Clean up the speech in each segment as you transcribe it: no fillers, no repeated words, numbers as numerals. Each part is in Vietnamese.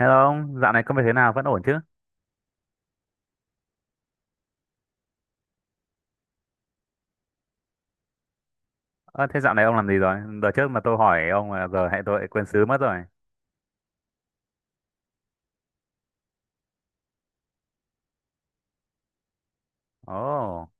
Hello ông, dạo này công việc thế nào, vẫn ổn chứ? Ơ, thế dạo này ông làm gì rồi? Đợt trước mà tôi hỏi ông là giờ hệ tôi lại quên xứ mất rồi. Ồ, oh,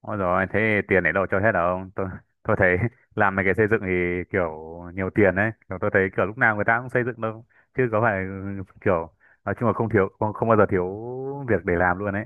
ôi rồi, thế tiền để đâu cho hết hả ông? Tôi thấy làm mấy cái xây dựng thì kiểu nhiều tiền đấy. Kiểu tôi thấy kiểu lúc nào người ta cũng xây dựng đâu. Chứ có phải kiểu, nói chung là không thiếu không, không bao giờ thiếu việc để làm luôn đấy.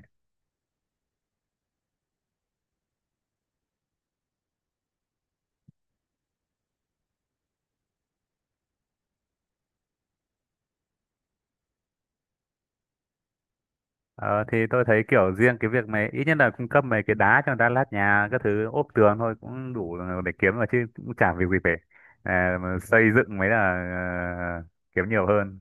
Ờ, thì tôi thấy kiểu riêng cái việc mày ít nhất là cung cấp mấy cái đá cho người ta lát nhà, các thứ ốp tường thôi cũng đủ để kiếm mà, chứ cũng chả việc gì phải. Mà xây dựng mới là ờ, kiếm nhiều hơn.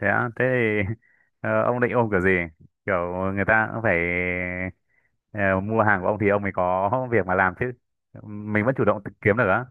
Thế á? Thế thì ông định ôm kiểu gì? Kiểu người ta cũng phải ờ, mua hàng của ông thì ông mới có việc mà làm chứ, mình vẫn chủ động tự kiếm được á?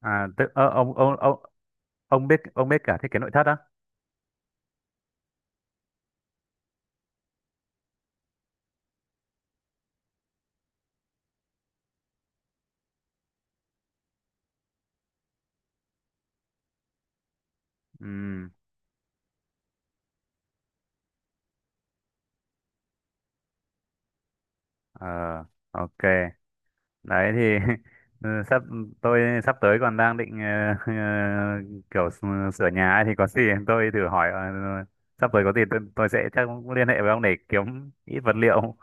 À, tức ông biết, ông biết cả thiết kế nội thất á? Ừ. Ờ. Ok. Đấy thì ừ, tôi sắp tới còn đang định ờ, kiểu sửa nhà ấy, thì có gì tôi thử hỏi sắp tới có gì tôi sẽ chắc cũng liên hệ với ông để kiếm ít vật liệu.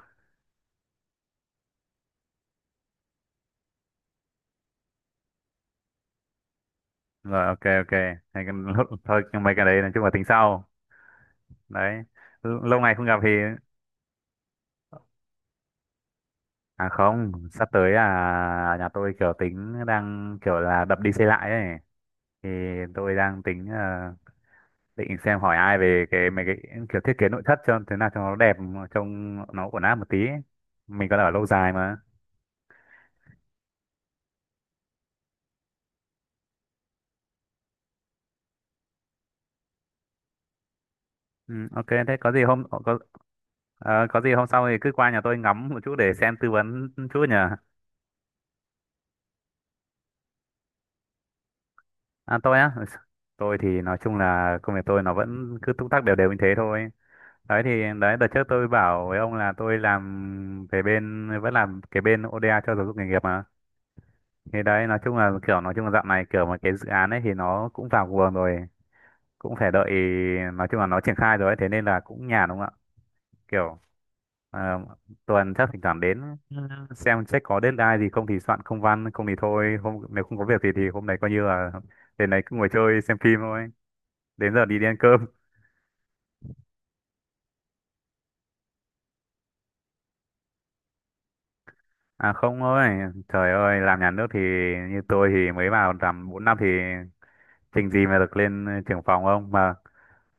Rồi, ok, ok. Hay cái- thôi, nhưng mấy cái đấy nói chung là tính sau. Đấy. Lâu ngày không gặp thì. À không, sắp tới là nhà tôi kiểu tính đang kiểu là đập đi xây lại ấy, thì tôi đang tính định xem hỏi ai về cái mấy cái kiểu thiết kế nội thất cho thế nào cho nó đẹp, trông nó ổn áp một tí ấy. Mình còn ở lâu dài mà. Ừ, ok, thế có gì hôm sau thì cứ qua nhà tôi ngắm một chút để xem tư vấn chút nhỉ? À, tôi á? Tôi thì nói chung là công việc tôi nó vẫn cứ túc tắc đều đều như thế thôi. Đấy thì đấy, đợt trước tôi bảo với ông là tôi làm về bên, vẫn làm cái bên ODA cho giáo dục nghề nghiệp mà. Thì đấy nói chung là kiểu, nói chung là dạo này kiểu mà cái dự án ấy thì nó cũng vào guồng rồi, cũng phải đợi. Nói chung là nó triển khai rồi ấy, thế nên là cũng nhàn đúng không ạ? Kiểu ờ, tuần chắc thỉnh thoảng đến, ừ, xem check có deadline gì không thì soạn công văn, không thì thôi, hôm nếu không có việc thì hôm nay coi như là đến đấy cứ ngồi chơi xem phim thôi, đến giờ đi đi ăn cơm. À không, ơi, trời ơi, làm nhà nước thì như tôi thì mới vào làm 4 năm thì trình gì mà được lên trưởng phòng không mà.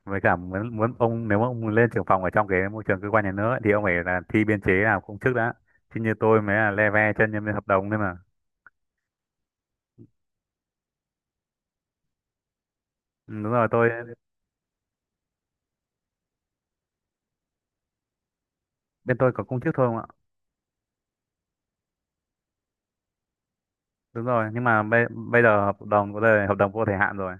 Với cả muốn muốn ông, nếu mà ông lên trưởng phòng ở trong cái môi trường cơ quan nhà nước ấy, thì ông phải là thi biên chế nào công chức đã, chứ như tôi mới là le ve chân nhân viên hợp đồng thôi mà. Ừ, đúng rồi, bên tôi có công chức thôi không ạ. Đúng rồi, nhưng mà bây giờ hợp đồng có đời hợp đồng vô thời hạn rồi.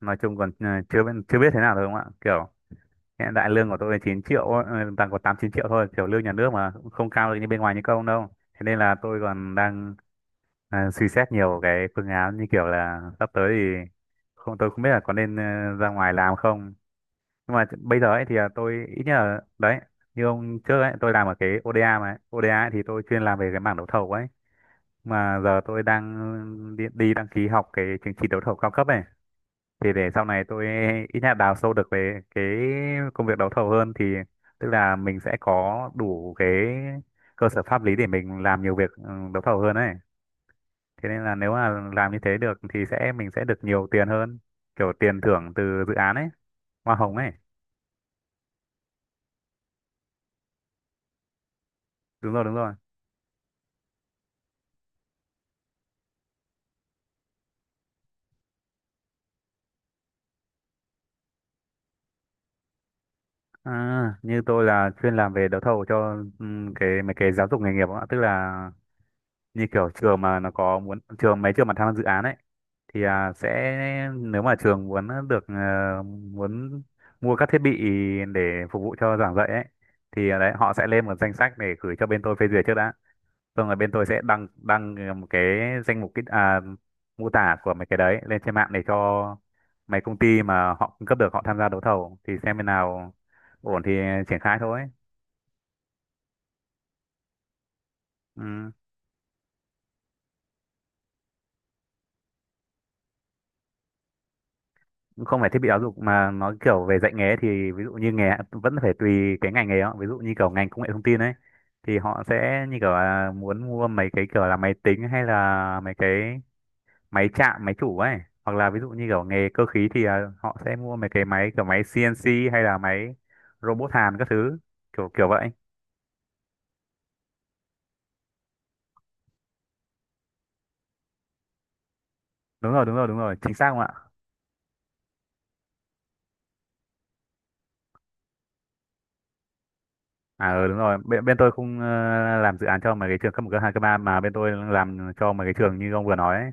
Nói chung còn chưa biết chưa biết thế nào thôi không ạ, kiểu hiện tại lương của tôi là 9 triệu ấy, đang có 8-9 triệu thôi, kiểu lương nhà nước mà cũng không cao được như bên ngoài như công đâu. Thế nên là tôi còn đang suy xét nhiều cái phương án, như kiểu là sắp tới thì không tôi không biết là có nên ra ngoài làm không. Nhưng mà bây giờ ấy thì là tôi ít nhất là đấy, như ông trước ấy tôi làm ở cái ODA mà ấy. ODA ấy thì tôi chuyên làm về cái mảng đấu thầu ấy, mà giờ tôi đang đi đăng ký học cái chứng chỉ đấu thầu cao cấp ấy, thì để sau này tôi ít nhất là đào sâu được về cái công việc đấu thầu hơn, thì tức là mình sẽ có đủ cái cơ sở pháp lý để mình làm nhiều việc đấu thầu hơn ấy. Thế nên là nếu mà làm như thế được thì sẽ mình sẽ được nhiều tiền hơn, kiểu tiền thưởng từ dự án ấy, hoa hồng ấy. Đúng rồi, đúng rồi. À, như tôi là chuyên làm về đấu thầu cho cái mấy cái giáo dục nghề nghiệp ạ, tức là như kiểu trường mà nó có muốn, trường mấy trường mà tham gia dự án ấy thì nếu mà trường muốn được muốn mua các thiết bị để phục vụ cho giảng dạy ấy, thì đấy, họ sẽ lên một danh sách để gửi cho bên tôi phê duyệt trước đã. Xong rồi bên tôi sẽ đăng đăng ờ, một cái danh mục, cái mô tả của mấy cái đấy lên trên mạng để cho mấy công ty mà họ cung cấp được họ tham gia đấu thầu, thì xem bên nào ổn thì triển khai thôi. Ừ. Cũng không phải thiết bị giáo dục mà nó kiểu về dạy nghề, thì ví dụ như nghề vẫn phải tùy cái ngành nghề đó. Ví dụ như kiểu ngành công nghệ thông tin ấy thì họ sẽ như kiểu là muốn mua mấy cái kiểu là máy tính, hay là mấy cái máy chạm, máy chủ ấy, hoặc là ví dụ như kiểu nghề cơ khí thì họ sẽ mua mấy cái máy kiểu máy CNC hay là máy robot hàn các thứ, kiểu kiểu vậy. Đúng rồi, đúng rồi, đúng rồi, chính xác không ạ. À, ừ, đúng rồi, bên bên tôi không làm dự án cho mấy cái trường cấp một, cấp hai, cấp ba, mà bên tôi làm cho mấy cái trường như ông vừa nói ấy.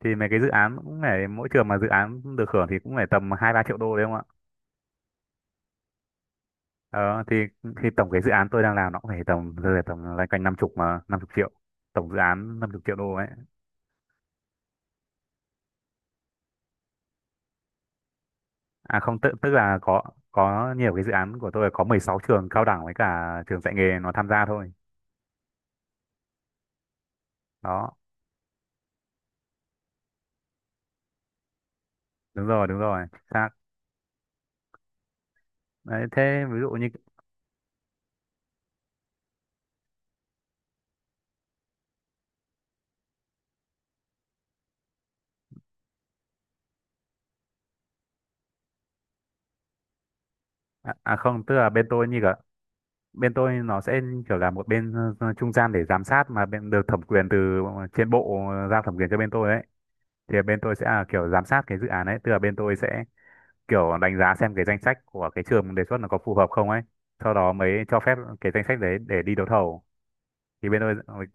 Thì mấy cái dự án cũng phải, mỗi trường mà dự án được hưởng thì cũng phải tầm 2-3 triệu đô đấy không ạ. Ờ, thì tổng cái dự án tôi đang làm nó cũng phải tầm, rơi vào tầm loanh quanh năm chục, mà 50 triệu, tổng dự án 50 triệu đô ấy. À không, tức là có nhiều cái dự án của tôi là có 16 trường cao đẳng với cả trường dạy nghề nó tham gia thôi. Đó, đúng rồi, đúng rồi. Xác. Đấy, thế ví dụ như à không, tức là bên tôi như cả, bên tôi nó sẽ kiểu là một bên trung gian để giám sát, mà bên được thẩm quyền từ trên bộ giao thẩm quyền cho bên tôi đấy. Thì bên tôi sẽ là kiểu giám sát cái dự án ấy, tức là bên tôi sẽ kiểu đánh giá xem cái danh sách của cái trường đề xuất nó có phù hợp không ấy. Sau đó mới cho phép cái danh sách đấy để đi đấu thầu. Thì bên tôi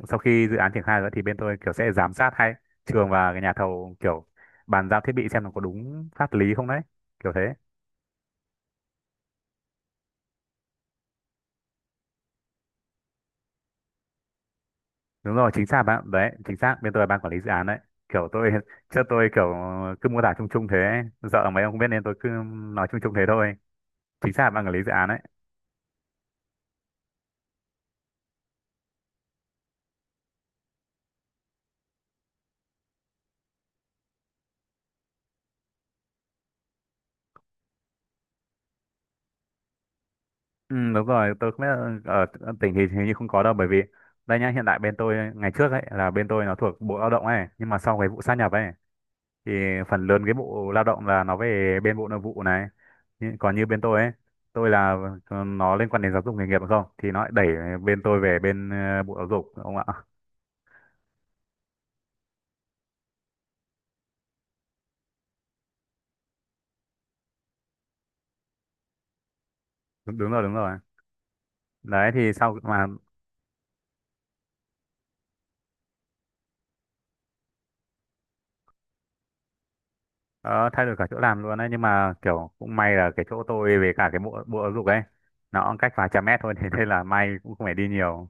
sau khi dự án triển khai rồi thì bên tôi kiểu sẽ giám sát hai trường và cái nhà thầu, kiểu bàn giao thiết bị xem nó có đúng pháp lý không đấy, kiểu thế. Đúng rồi, chính xác, bạn đấy, chính xác, bên tôi là ban quản lý dự án đấy. Kiểu tôi trước tôi kiểu cứ mô tả chung chung thế ấy, sợ mấy ông không biết nên tôi cứ nói chung chung thế thôi, chính xác là ban quản lý dự án đấy. Ừ, đúng rồi, tôi không biết là ở tỉnh thì hình như không có đâu, bởi vì đây nhá, hiện tại bên tôi, ngày trước ấy là bên tôi nó thuộc bộ lao động ấy, nhưng mà sau cái vụ sát nhập ấy thì phần lớn cái bộ lao động là nó về bên bộ nội vụ này. Còn như bên tôi ấy, tôi là nó liên quan đến giáo dục nghề nghiệp đúng không, thì nó lại đẩy bên tôi về bên bộ giáo dục ông ạ. Đúng, đúng rồi, đúng rồi. Đấy thì sau mà ờ, thay đổi cả chỗ làm luôn đấy, nhưng mà kiểu cũng may là cái chỗ tôi về cả cái bộ, bộ giáo dục ấy, nó cách vài trăm mét thôi thì thế nên là may, cũng không phải đi nhiều.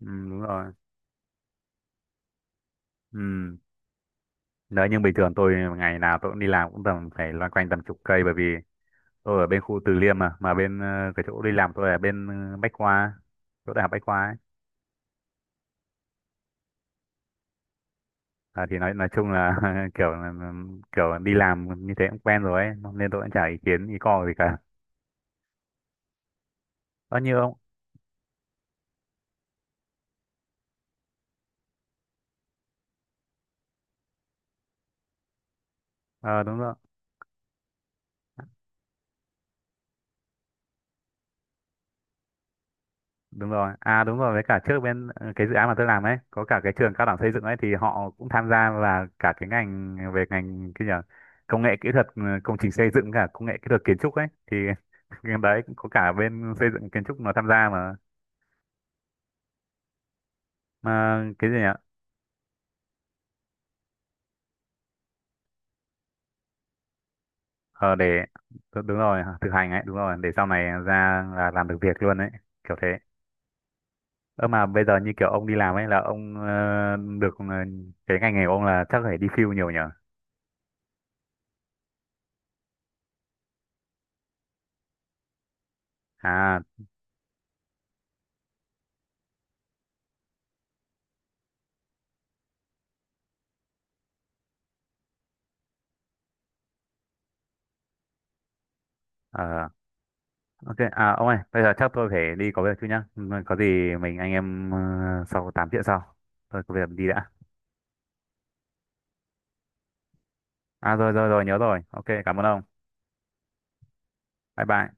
Ừ, đúng rồi. Ừ. Đấy nhưng bình thường tôi ngày nào tôi cũng đi làm cũng tầm phải loanh quanh tầm chục cây, bởi vì tôi ở bên khu Từ Liêm mà bên cái chỗ đi làm tôi ở bên Bách Khoa, chỗ đại học Bách Khoa ấy. À, thì nói chung là kiểu kiểu đi làm như thế cũng quen rồi ấy, nên tôi cũng chả ý kiến ý co gì cả. Ơ như ông. Ờ, Đúng rồi, đúng rồi, đúng rồi, với cả trước bên cái dự án mà tôi làm ấy có cả cái trường cao đẳng xây dựng ấy thì họ cũng tham gia, và cả cái ngành về ngành, cái gì nhỉ? Công nghệ kỹ thuật công trình xây dựng, cả công nghệ kỹ thuật kiến trúc ấy thì cái đấy cũng có cả bên xây dựng, kiến trúc nó tham gia mà. Mà cái gì nhỉ? Ờ, để đúng rồi, thực hành ấy, đúng rồi, để sau này ra là làm được việc luôn ấy, kiểu thế. Ơ mà bây giờ như kiểu ông đi làm ấy là ông ờ, được ờ, cái ngành nghề của ông là chắc phải đi field nhiều nhỉ? à ờ, Ok, à ông ơi, bây giờ chắc tôi phải đi có việc chút nhá. Ừ, có gì mình anh em sau 8 chuyện sau. Tôi có việc đi đã. À rồi, rồi rồi, nhớ rồi. Ok, cảm ơn ông. Bye bye.